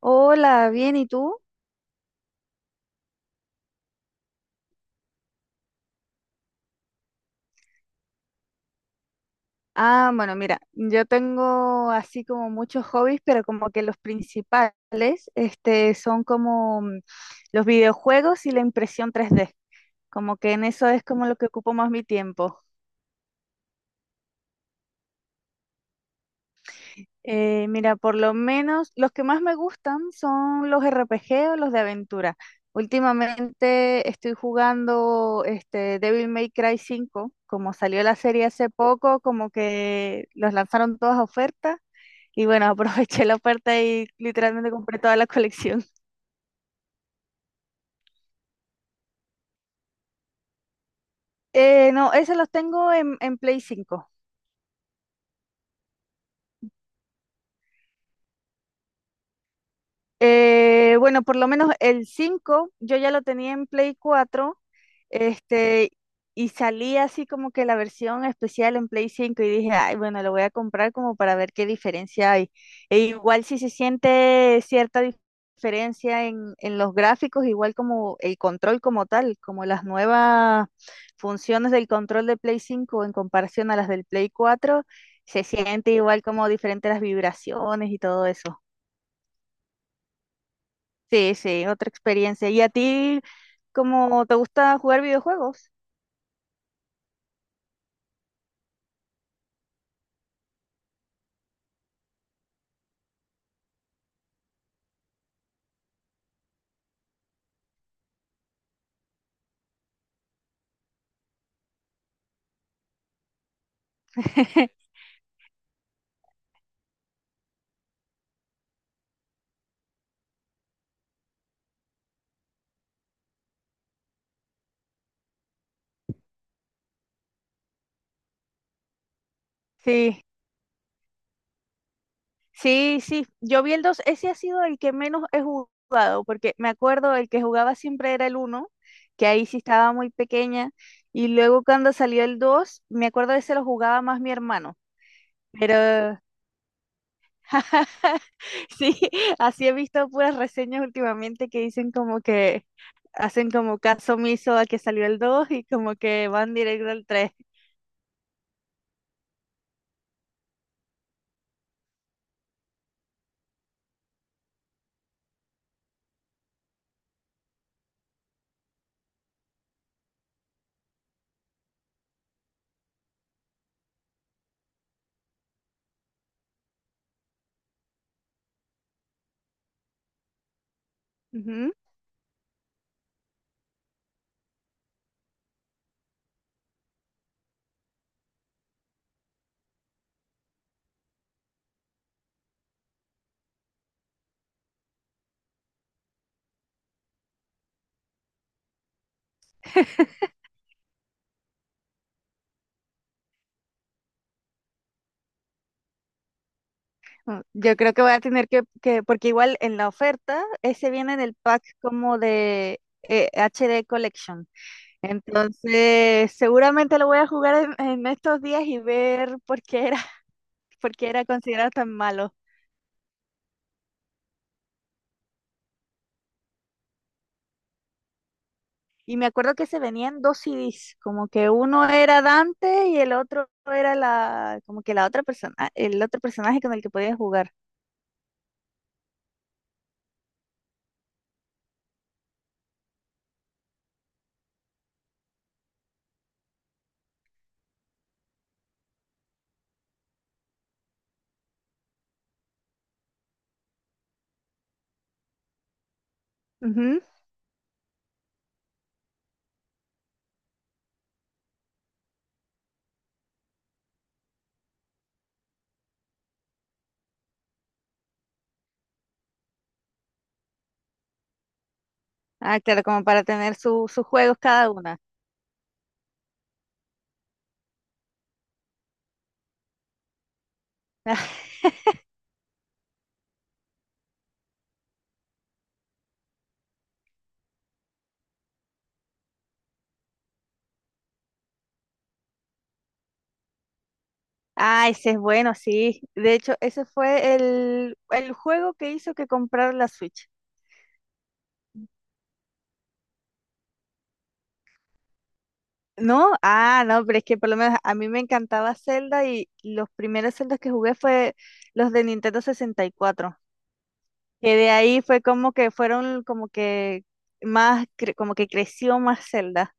Hola, bien, ¿y tú? Ah, bueno, mira, yo tengo así como muchos hobbies, pero como que los principales, son como los videojuegos y la impresión 3D. Como que en eso es como lo que ocupo más mi tiempo. Mira, por lo menos los que más me gustan son los R P G o los de aventura. Últimamente estoy jugando este Devil May Cry cinco, como salió la serie hace poco, como que los lanzaron todas a oferta. Y bueno, aproveché la oferta y literalmente compré toda la colección. No, esos los tengo en Play cinco. Bueno, por lo menos el 5, yo ya lo tenía en Play cuatro, este, y salía así como que la versión especial en Play cinco y dije, ay, bueno, lo voy a comprar como para ver qué diferencia hay. E igual si se siente cierta diferencia en los gráficos, igual como el control como tal, como las nuevas funciones del control de Play cinco en comparación a las del Play cuatro, se siente igual como diferentes las vibraciones y todo eso. Sí, sí, otra experiencia. ¿Y a ti, cómo te gusta jugar videojuegos? Sí, sí, sí. Yo vi el 2. Ese ha sido el que menos he jugado, porque me acuerdo el que jugaba siempre era el uno, que ahí sí estaba muy pequeña, y luego cuando salió el 2, me acuerdo de ese lo jugaba más mi hermano, pero sí, así he visto puras reseñas últimamente que dicen como que hacen como caso omiso a que salió el 2 y como que van directo al 3. Ujú. Oh, yo creo que voy a tener porque igual en la oferta, ese viene en el pack como de HD Collection. Entonces, seguramente lo voy a jugar en estos días y ver por qué era considerado tan malo. Y me acuerdo que se venían dos CDs, como que uno era Dante y el otro era como que la otra persona, ah, el otro personaje con el que podías jugar. Ujú. Ah, claro, como para tener sus juegos cada una. Ah, ese es bueno, sí. De hecho, ese fue el juego que hizo que comprar la Switch. ¿No? Ah, no, pero es que por lo menos a mí me encantaba Zelda y los primeros Zeldas que jugué fue los de Nintendo 64, que de ahí fue como que fueron como que más, como que creció más Zelda.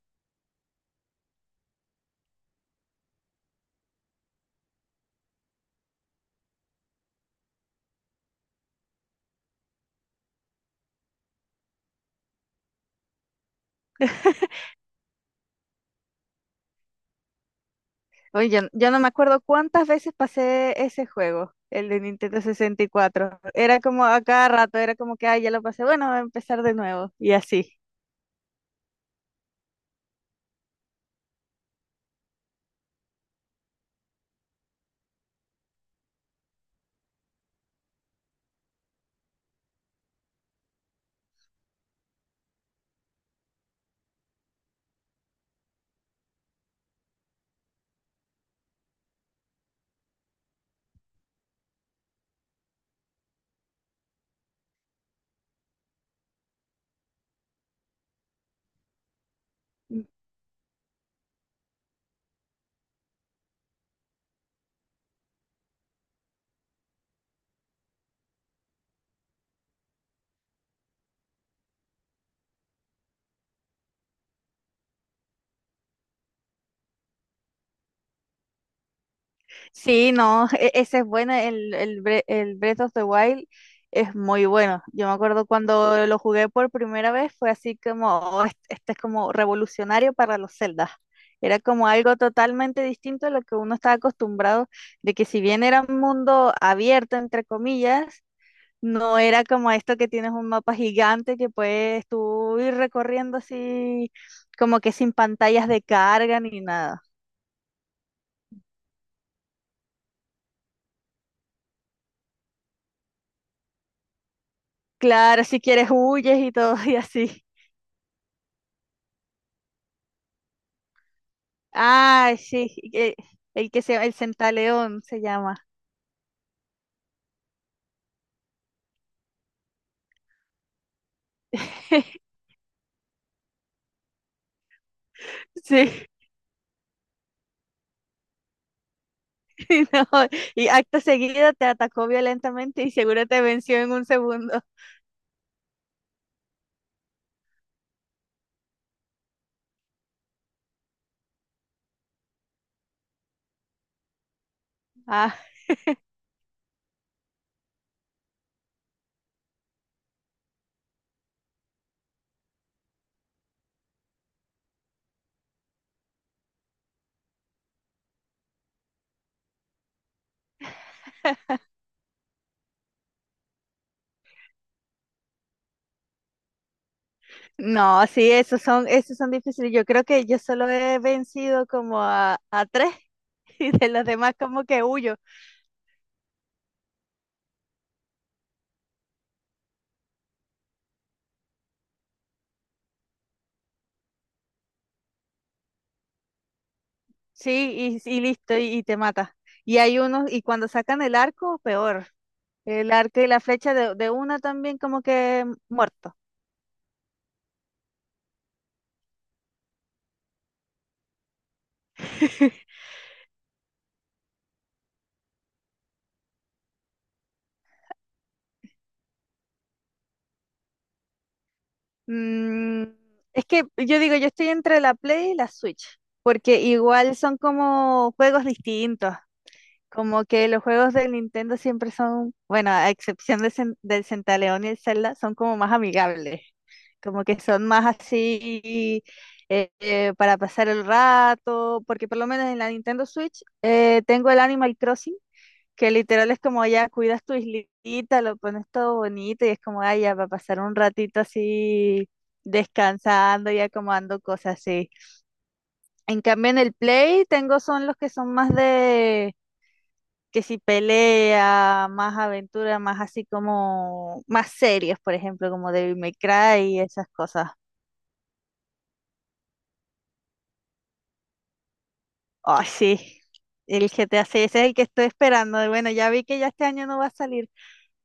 Oye, yo no me acuerdo cuántas veces pasé ese juego, el de Nintendo 64. Era como a cada rato, era como que, ah, ya lo pasé, bueno, voy a empezar de nuevo y así. Sí, no, ese es bueno, el Breath of the Wild es muy bueno. Yo me acuerdo cuando lo jugué por primera vez, fue así como, "Oh, este es como revolucionario para los Zeldas. Era como algo totalmente distinto a lo que uno estaba acostumbrado, de que si bien era un mundo abierto, entre comillas, no era como esto que tienes un mapa gigante que puedes tú ir recorriendo así, como que sin pantallas de carga ni nada. Claro, si quieres huyes y todo y así. Ah, sí, el Centaleón se llama. Sí, no, y acto seguido te atacó violentamente y seguro te venció en un segundo. Ah, no, sí, esos son difíciles. Yo creo que yo solo he vencido como a tres y de los demás como que huyo. Sí, y listo, y te mata. Y hay unos, y cuando sacan el arco, peor. El arco y la flecha de una también como que muerto. Mm, es que yo digo, yo estoy entre la Play y la Switch, porque igual son como juegos distintos. Como que los juegos del Nintendo siempre son, bueno, a excepción de del Centaleón y el Zelda, son como más amigables. Como que son más así para pasar el rato, porque por lo menos en la Nintendo Switch tengo el Animal Crossing que literal es como ya cuidas tu islita, lo pones todo bonito y es como, ay, ya va a pasar un ratito así descansando y acomodando cosas así. En cambio en el Play tengo son los que son más de que si pelea, más aventura, más así como más serios, por ejemplo, como Devil May Cry y esas cosas. Ay, sí. El GTA 6 ese es el que estoy esperando. Y bueno, ya vi que ya este año no va a salir,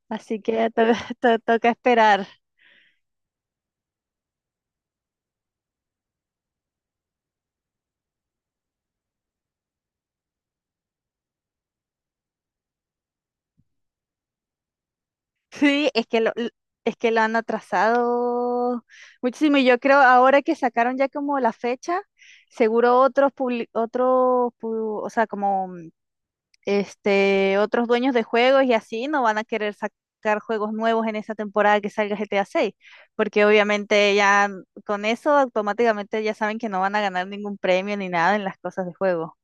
así que toca esperar. Sí, es que lo han atrasado muchísimo y yo creo ahora que sacaron ya como la fecha, seguro otros publi- otros, pu- o sea, como otros dueños de juegos y así no van a querer sacar juegos nuevos en esa temporada que salga GTA 6, porque obviamente ya con eso automáticamente ya saben que no van a ganar ningún premio ni nada en las cosas de juego.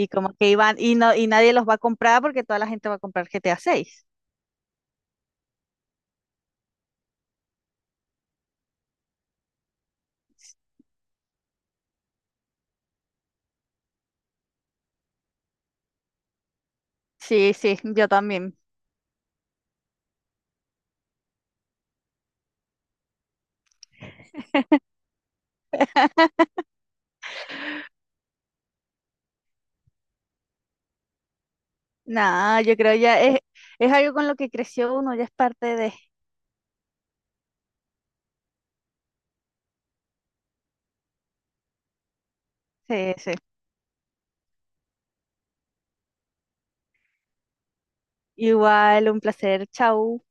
Y como que iban y no y nadie los va a comprar porque toda la gente va a comprar GTA 6. Sí, sí, yo también. Nada, yo creo ya es algo con lo que creció uno, ya es parte de... Sí, sí. Igual, un placer. Chau.